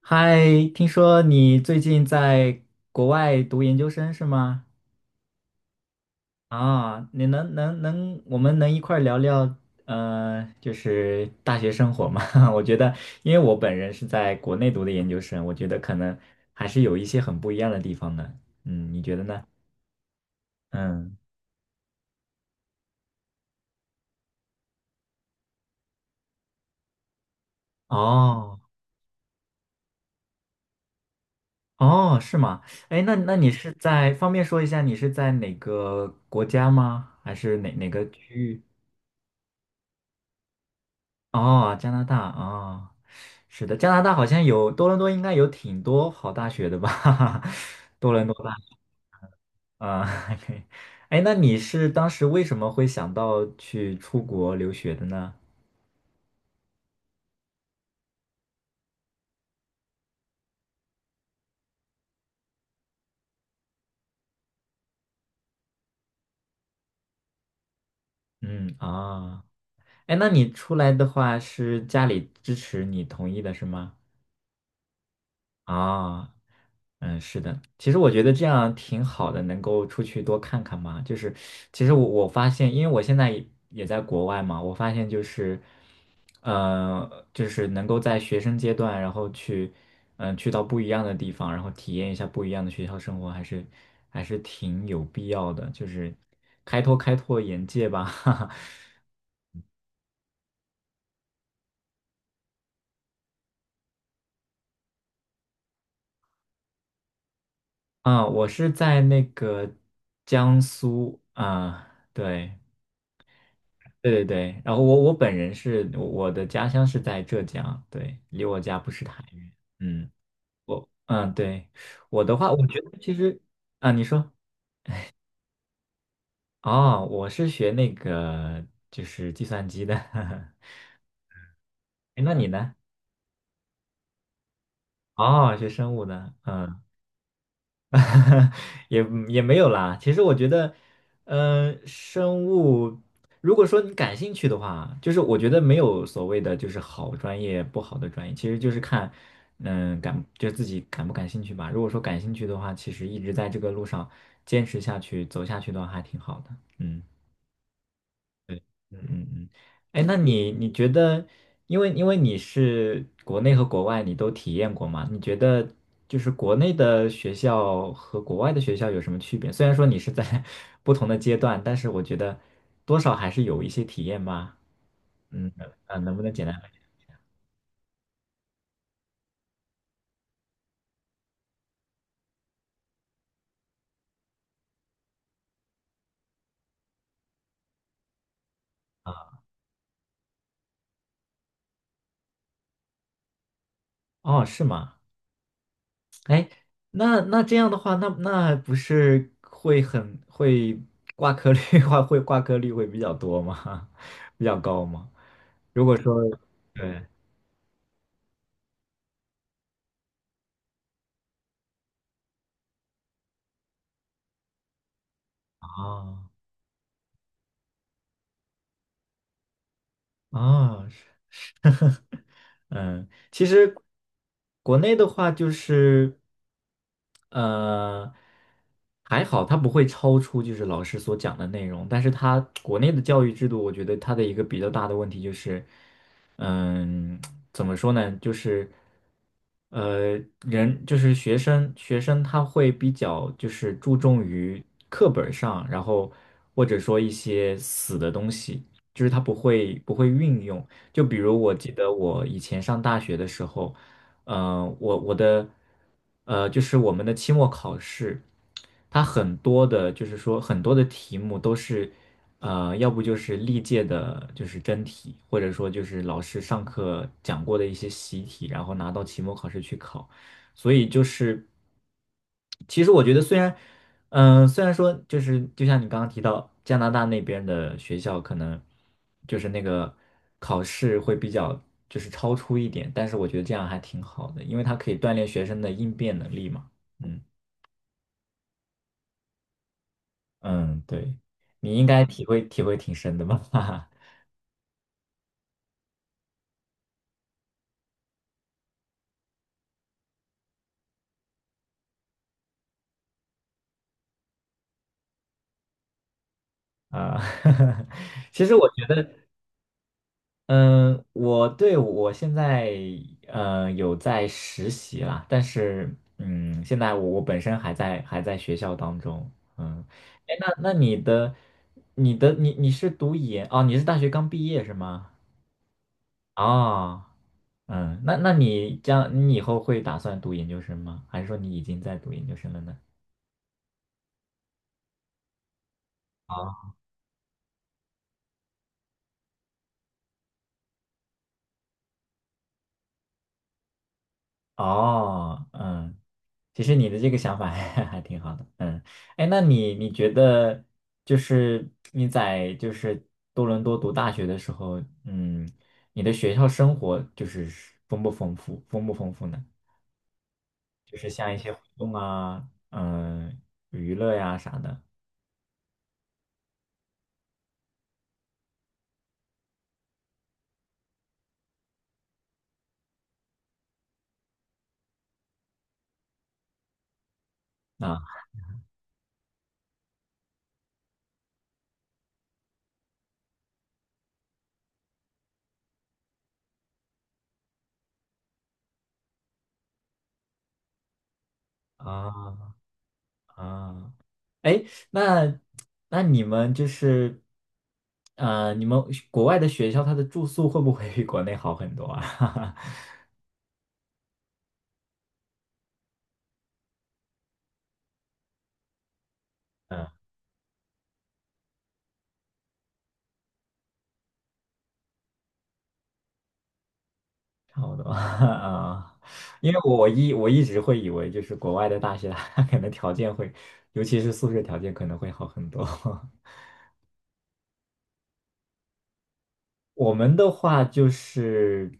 嗨，听说你最近在国外读研究生是吗？你能，我们能一块儿聊聊，就是大学生活吗？我觉得，因为我本人是在国内读的研究生，我觉得可能还是有一些很不一样的地方的。你觉得呢？嗯，哦哦，是吗？哎，那你是在方便说一下，你是在哪个国家吗？还是哪个区域？哦，加拿大啊哦是的，加拿大好像有多伦多，应该有挺多好大学的吧？多伦多吧，学啊，还可以。哎，那你是当时为什么会想到去出国留学的呢？嗯啊，哎，那你出来的话是家里支持你同意的是吗？啊，是的，其实我觉得这样挺好的，能够出去多看看嘛。就是其实我发现，因为我现在也在国外嘛，我发现就是，就是能够在学生阶段，然后去，去到不一样的地方，然后体验一下不一样的学校生活，还是挺有必要的，就是开拓开拓眼界吧。哈哈。啊，我是在那个江苏啊，对。对对对，然后我本人是我的家乡是在浙江，对，离我家不是太远。嗯，我对，我的话，我觉得其实啊，你说哦，我是学那个就是计算机的，哎，那你呢？哦，学生物的，嗯。 也没有啦。其实我觉得，生物，如果说你感兴趣的话，就是我觉得没有所谓的就是好专业不好的专业，其实就是看，就自己感不感兴趣吧。如果说感兴趣的话，其实一直在这个路上坚持下去、走下去的话，还挺好的。嗯。嗯嗯嗯，哎，那你觉得，因为你是国内和国外你都体验过嘛？你觉得就是国内的学校和国外的学校有什么区别？虽然说你是在 不同的阶段，但是我觉得多少还是有一些体验吧。嗯，啊，能不能简单分享啊？哦，是吗？那这样的话，那不是会很会挂科率 话会挂科率会比较多吗？比较高吗？如果说对啊。啊，是嗯，其实国内的话就是。呃，还好它不会超出就是老师所讲的内容，但是它国内的教育制度，我觉得它的一个比较大的问题就是，嗯，怎么说呢，就是人就是学生他会比较就是注重于课本儿上，然后或者说一些死的东西，就是他不会运用。就比如我记得我以前上大学的时候。我的就是我们的期末考试，它很多的，就是说很多的题目都是，要不就是历届的，就是真题，或者说就是老师上课讲过的一些习题，然后拿到期末考试去考。所以就是，其实我觉得虽然，虽然说就是就像你刚刚提到加拿大那边的学校可能就是那个考试会比较就是超出一点，但是我觉得这样还挺好的，因为它可以锻炼学生的应变能力嘛。嗯嗯，对，你应该体会体会挺深的吧？哈哈。啊，其实我觉得。嗯，我对我现在有在实习啦，但是现在我本身还在学校当中，嗯，哎，那那你的你的你你是读研哦，你是大学刚毕业是吗？哦，嗯，那那你以后会打算读研究生吗？还是说你已经在读研究生了呢？啊。哦，其实你的这个想法还挺好的，哎，那你觉得就是你在就是多伦多读大学的时候，你的学校生活就是丰不丰富呢？就是像一些活动啊，娱乐呀啥的，啊啊啊，哎，那那你们就是，你们国外的学校它的住宿会不会比国内好很多啊？嗯，差不多 啊，因为我一直会以为就是国外的大学，它可能条件会，尤其是宿舍条件可能会好很多。我们的话就是，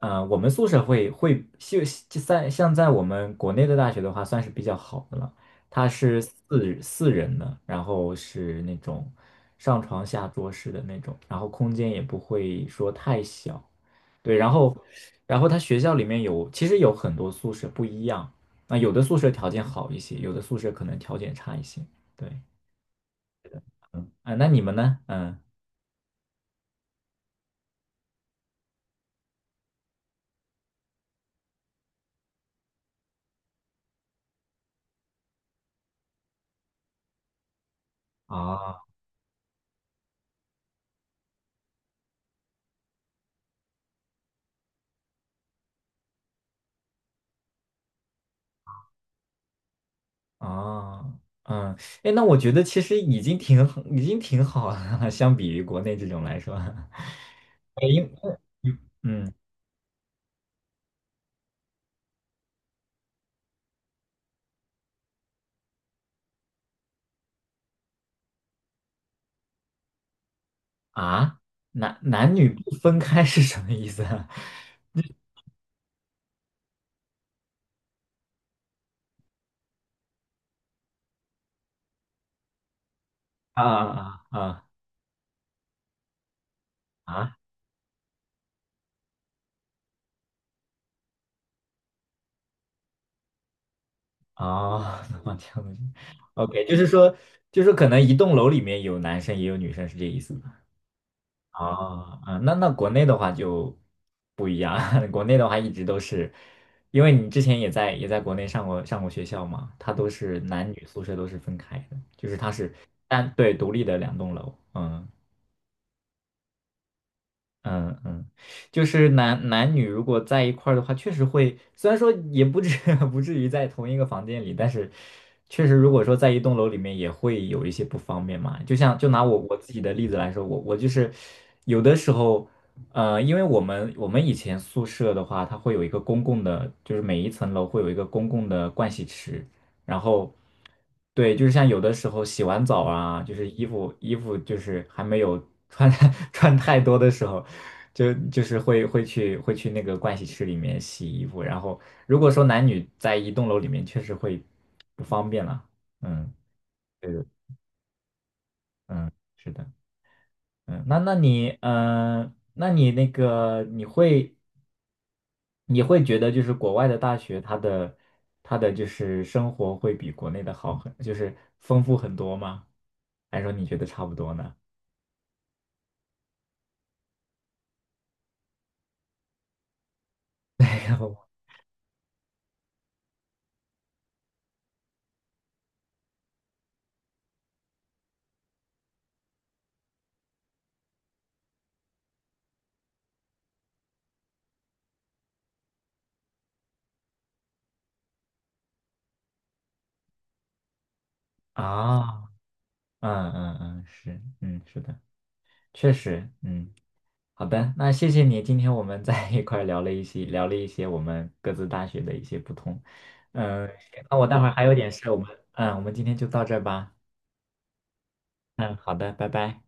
我们宿舍会就在像在我们国内的大学的话，算是比较好的了。它是四人的，然后是那种上床下桌式的那种，然后空间也不会说太小。对，然后，然后他学校里面有，其实有很多宿舍不一样，啊，有的宿舍条件好一些，有的宿舍可能条件差一些。对，嗯，啊，那你们呢？嗯，啊啊，嗯，哎，那我觉得其实已经挺好了，相比于国内这种来说，哎，因嗯啊，男女不分开是什么意思啊？啊啊啊！啊啊，那这样子，OK，就是说，就是可能一栋楼里面有男生也有女生，是这意思吗？啊啊，那国内的话就不一样，国内的话一直都是，因为你之前也在国内上过学校嘛，它都是男女宿舍都是分开的，就是它是单对独立的两栋楼，嗯嗯嗯，就是男女如果在一块儿的话，确实会，虽然说也不至 不至于在同一个房间里，但是确实如果说在一栋楼里面也会有一些不方便嘛。就拿我自己的例子来说，我就是有的时候，因为我们以前宿舍的话，它会有一个公共的，就是每一层楼会有一个公共的盥洗池，然后。对，就是像有的时候洗完澡啊，就是衣服就是还没有穿 穿太多的时候，就是会去那个盥洗室里面洗衣服。然后如果说男女在一栋楼里面，确实会不方便了。嗯，对的，嗯，是的，嗯，那你那个你会觉得就是国外的大学它的就是生活会比国内的好很，就是丰富很多吗？还是说你觉得差不多呢？没有啊，嗯嗯嗯，是，嗯是的，确实，嗯，好的，那谢谢你，今天我们 在一块儿聊了一些我们各自大学的一些不同，嗯，行那我待会儿还有点事，我们今天就到这儿吧，嗯，好的，拜拜。